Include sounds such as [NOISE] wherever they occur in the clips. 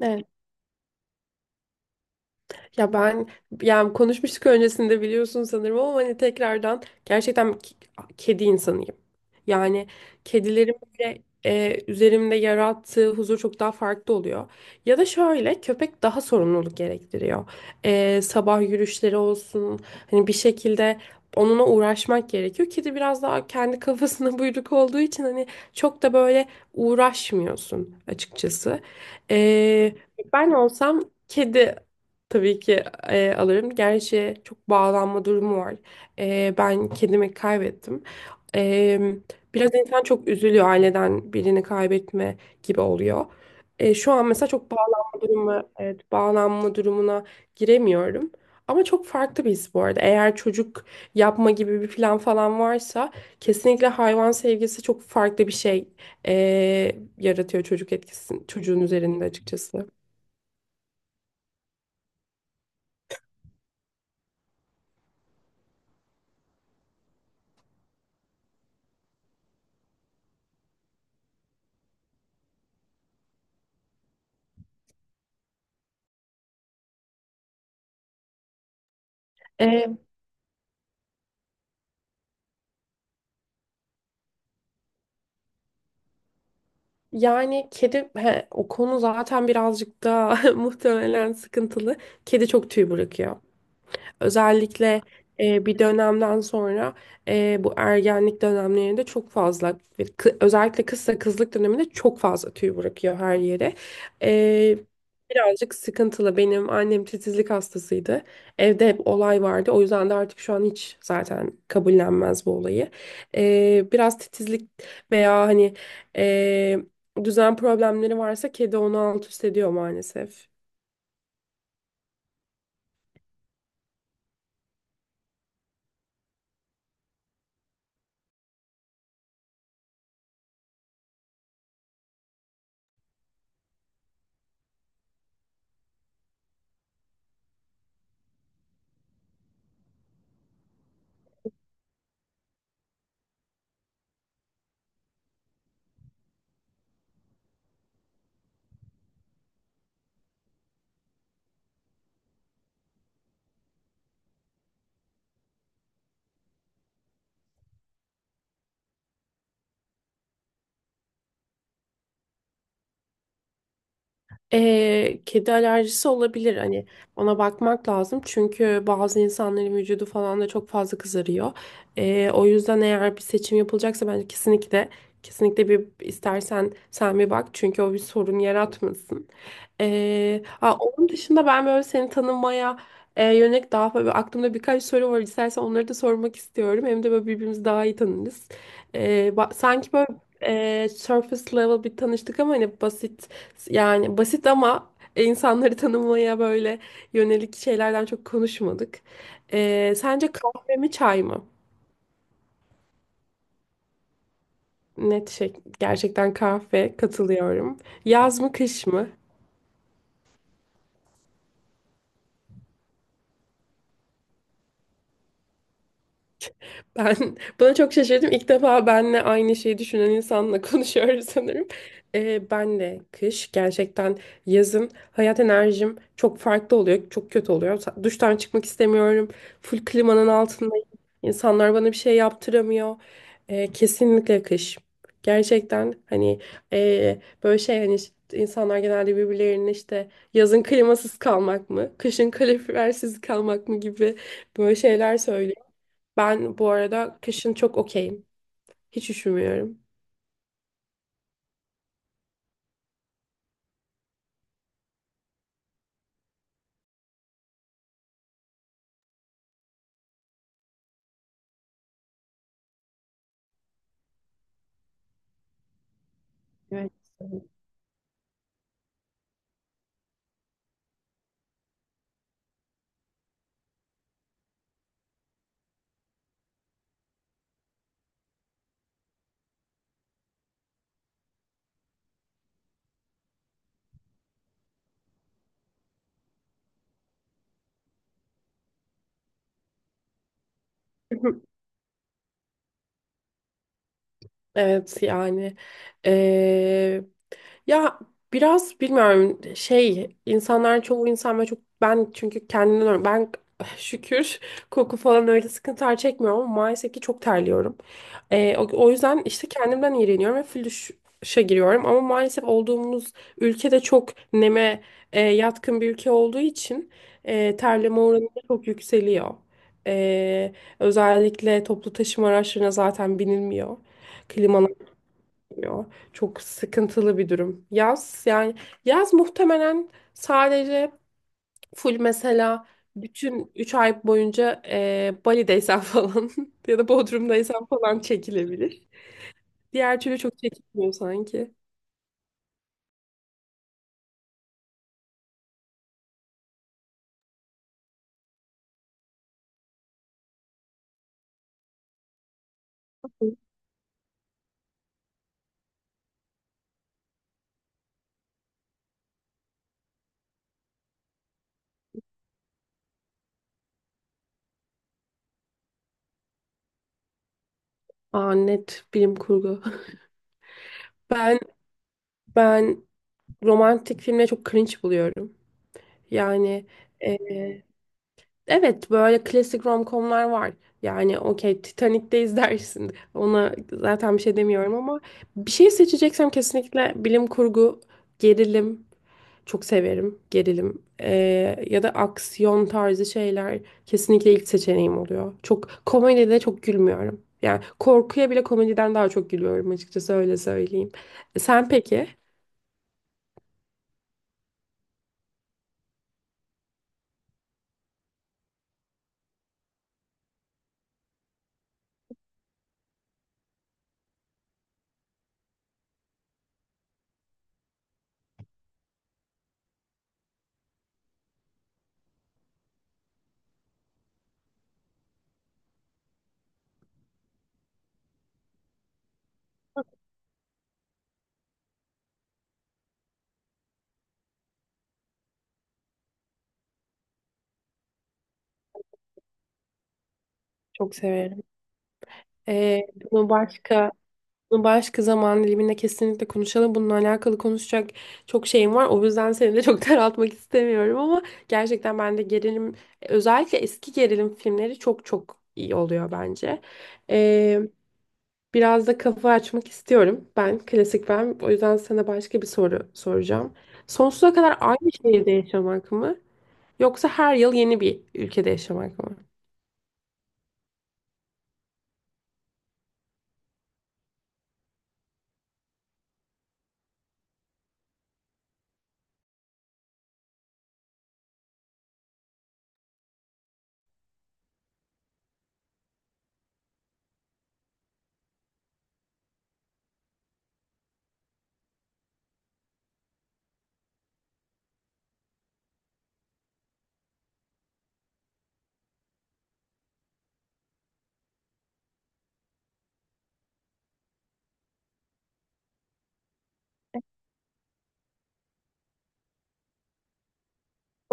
Evet. Ya ben yani konuşmuştuk öncesinde biliyorsun sanırım ama hani tekrardan gerçekten kedi insanıyım. Yani kedilerin böyle üzerimde yarattığı huzur çok daha farklı oluyor. Ya da şöyle, köpek daha sorumluluk gerektiriyor. Sabah yürüyüşleri olsun, hani bir şekilde onunla uğraşmak gerekiyor. Kedi biraz daha kendi kafasına [LAUGHS] buyruk olduğu için hani çok da böyle uğraşmıyorsun açıkçası. E, Ben olsam kedi, tabii ki alırım. Gerçi çok bağlanma durumu var. Ben kedimi kaybettim. E, Biraz insan çok üzülüyor, aileden birini kaybetme gibi oluyor. Şu an mesela çok bağlanma durumu, evet, bağlanma durumuna giremiyorum. Ama çok farklı bir his bu arada. Eğer çocuk yapma gibi bir plan falan varsa, kesinlikle hayvan sevgisi çok farklı bir şey e, yaratıyor, çocuk etkisini çocuğun üzerinde açıkçası. E, Yani kedi he, o konu zaten birazcık daha [LAUGHS] muhtemelen sıkıntılı. Kedi çok tüy bırakıyor. Özellikle bir dönemden sonra, bu ergenlik dönemlerinde çok fazla ve özellikle kızsa kızlık döneminde çok fazla tüy bırakıyor her yere. E, Birazcık sıkıntılı. Benim annem titizlik hastasıydı. Evde hep olay vardı. O yüzden de artık şu an hiç zaten kabullenmez bu olayı. Biraz titizlik veya hani e, düzen problemleri varsa, kedi onu alt üst ediyor maalesef. Kedi alerjisi olabilir, hani ona bakmak lazım çünkü bazı insanların vücudu falan da çok fazla kızarıyor. O yüzden eğer bir seçim yapılacaksa, bence kesinlikle bir istersen sen bir bak, çünkü o bir sorun yaratmasın. Ha, Onun dışında ben böyle seni tanımaya yönelik daha böyle aklımda birkaç soru var, istersen onları da sormak istiyorum, hem de böyle birbirimizi daha iyi tanırız. Sanki böyle surface level bir tanıştık ama hani basit, yani basit ama insanları tanımaya böyle yönelik şeylerden çok konuşmadık. Sence kahve mi çay mı? Net şey, gerçekten kahve, katılıyorum. Yaz mı kış mı? Ben [LAUGHS] buna çok şaşırdım. İlk defa benle aynı şeyi düşünen insanla [LAUGHS] konuşuyoruz sanırım. Benle kış gerçekten, yazın hayat enerjim çok farklı oluyor. Çok kötü oluyor. Duştan çıkmak istemiyorum. Full klimanın altındayım. İnsanlar bana bir şey yaptıramıyor. Kesinlikle kış. Gerçekten hani e, böyle şey, hani işte insanlar genelde birbirlerinin işte yazın klimasız kalmak mı, kışın kalorifersiz kalmak mı gibi böyle şeyler söylüyor. Ben bu arada kışın çok okeyim. Hiç üşümüyorum. [LAUGHS] Evet. Evet, yani. Ee, Ya, biraz bilmiyorum şey, insanların çoğu insan ve çok ben çünkü ben [LAUGHS] şükür koku falan öyle sıkıntılar çekmiyorum ama maalesef ki çok terliyorum. O yüzden işte kendimden iğreniyorum ve flüşe giriyorum, ama maalesef olduğumuz ülkede çok neme yatkın bir ülke olduğu için terleme oranı da çok yükseliyor. Ee, Özellikle toplu taşıma araçlarına zaten binilmiyor. Yo, çok sıkıntılı bir durum. Yaz, yani yaz muhtemelen sadece full mesela bütün 3 ay boyunca Bali'deysen falan [LAUGHS] ya da Bodrum'daysan falan çekilebilir. Diğer türlü çok çekilmiyor sanki. Aa, net bilim kurgu. [LAUGHS] Ben ben romantik filmleri çok cringe buluyorum. Yani evet, böyle klasik romcomlar var. Yani okey, Titanic'te izlersin. [LAUGHS] Ona zaten bir şey demiyorum, ama bir şey seçeceksem kesinlikle bilim kurgu, gerilim. Çok severim gerilim. Ya da aksiyon tarzı şeyler kesinlikle ilk seçeneğim oluyor. Çok komedide çok gülmüyorum. Yani korkuya bile komediden daha çok gülüyorum açıkçası, öyle söyleyeyim. Sen peki? Çok severim. Ee, bunu bunu başka zaman diliminde kesinlikle konuşalım. Bununla alakalı konuşacak çok şeyim var. O yüzden seni de çok [LAUGHS] daraltmak istemiyorum, ama gerçekten ben de gerilim, özellikle eski gerilim filmleri çok çok iyi oluyor bence. Biraz da kafa açmak istiyorum. Ben klasik ben. O yüzden sana başka bir soru soracağım. Sonsuza kadar aynı şehirde yaşamak mı? Yoksa her yıl yeni bir ülkede yaşamak mı?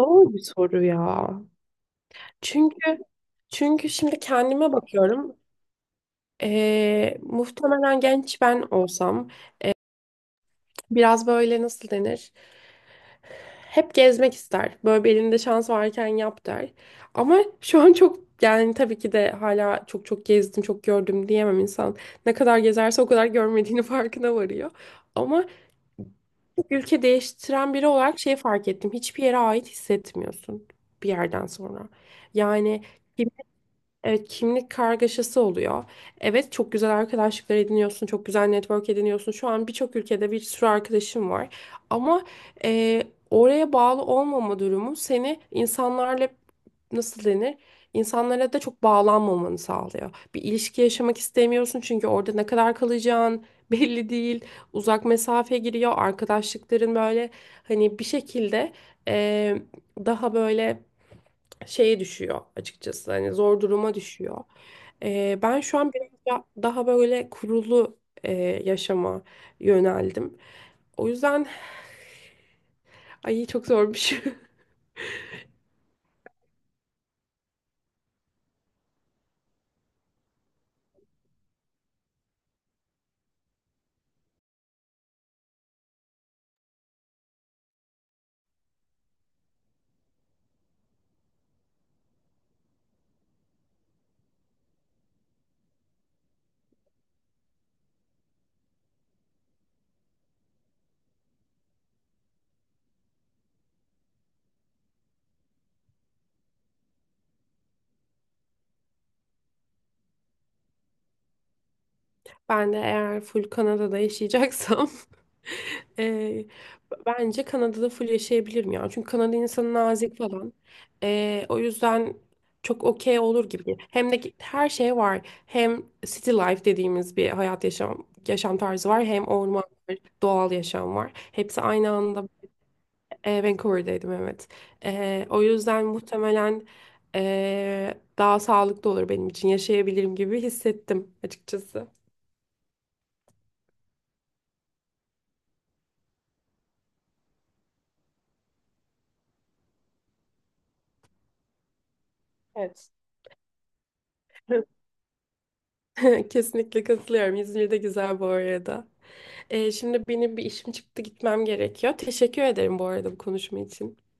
Doğru bir soru ya. Çünkü çünkü şimdi kendime bakıyorum. Muhtemelen genç ben olsam biraz böyle, nasıl denir? Hep gezmek ister. Böyle bir elinde şans varken yap der. Ama [LAUGHS] şu an çok, yani tabii ki de hala, çok çok gezdim, çok gördüm diyemem insan. Ne kadar gezerse o kadar görmediğini [LAUGHS] farkına varıyor. Ama ülke değiştiren biri olarak şey fark ettim. Hiçbir yere ait hissetmiyorsun bir yerden sonra. Yani evet, kimlik kargaşası oluyor. Evet, çok güzel arkadaşlıklar ediniyorsun, çok güzel network ediniyorsun. Şu an birçok ülkede bir sürü arkadaşım var. Ama eee, oraya bağlı olmama durumu seni insanlarla, nasıl denir, İnsanlara da çok bağlanmamanı sağlıyor. Bir ilişki yaşamak istemiyorsun çünkü orada ne kadar kalacağın [LAUGHS] belli değil. Uzak mesafe giriyor. Arkadaşlıkların böyle hani bir şekilde eee, daha böyle şeye düşüyor açıkçası. Hani zor duruma düşüyor. Ben şu an biraz daha böyle kurulu e, yaşama yöneldim. O yüzden ay çok zormuş. [LAUGHS] Ben de eğer full Kanada'da yaşayacaksam [LAUGHS] eee, bence Kanada'da full yaşayabilirim ya. Çünkü Kanada insanı nazik falan. O yüzden çok okey olur gibi. Hem de her şey var. Hem city life dediğimiz bir hayat yaşam tarzı var. Hem orman var, doğal yaşam var. Hepsi aynı anda. Vancouver'daydım, evet. O yüzden muhtemelen daha sağlıklı olur, benim için yaşayabilirim gibi hissettim açıkçası. Evet. [LAUGHS] [LAUGHS] Kesinlikle katılıyorum. İzmir de güzel bu arada. Şimdi benim bir işim çıktı, gitmem gerekiyor. Teşekkür ederim bu arada bu konuşma için.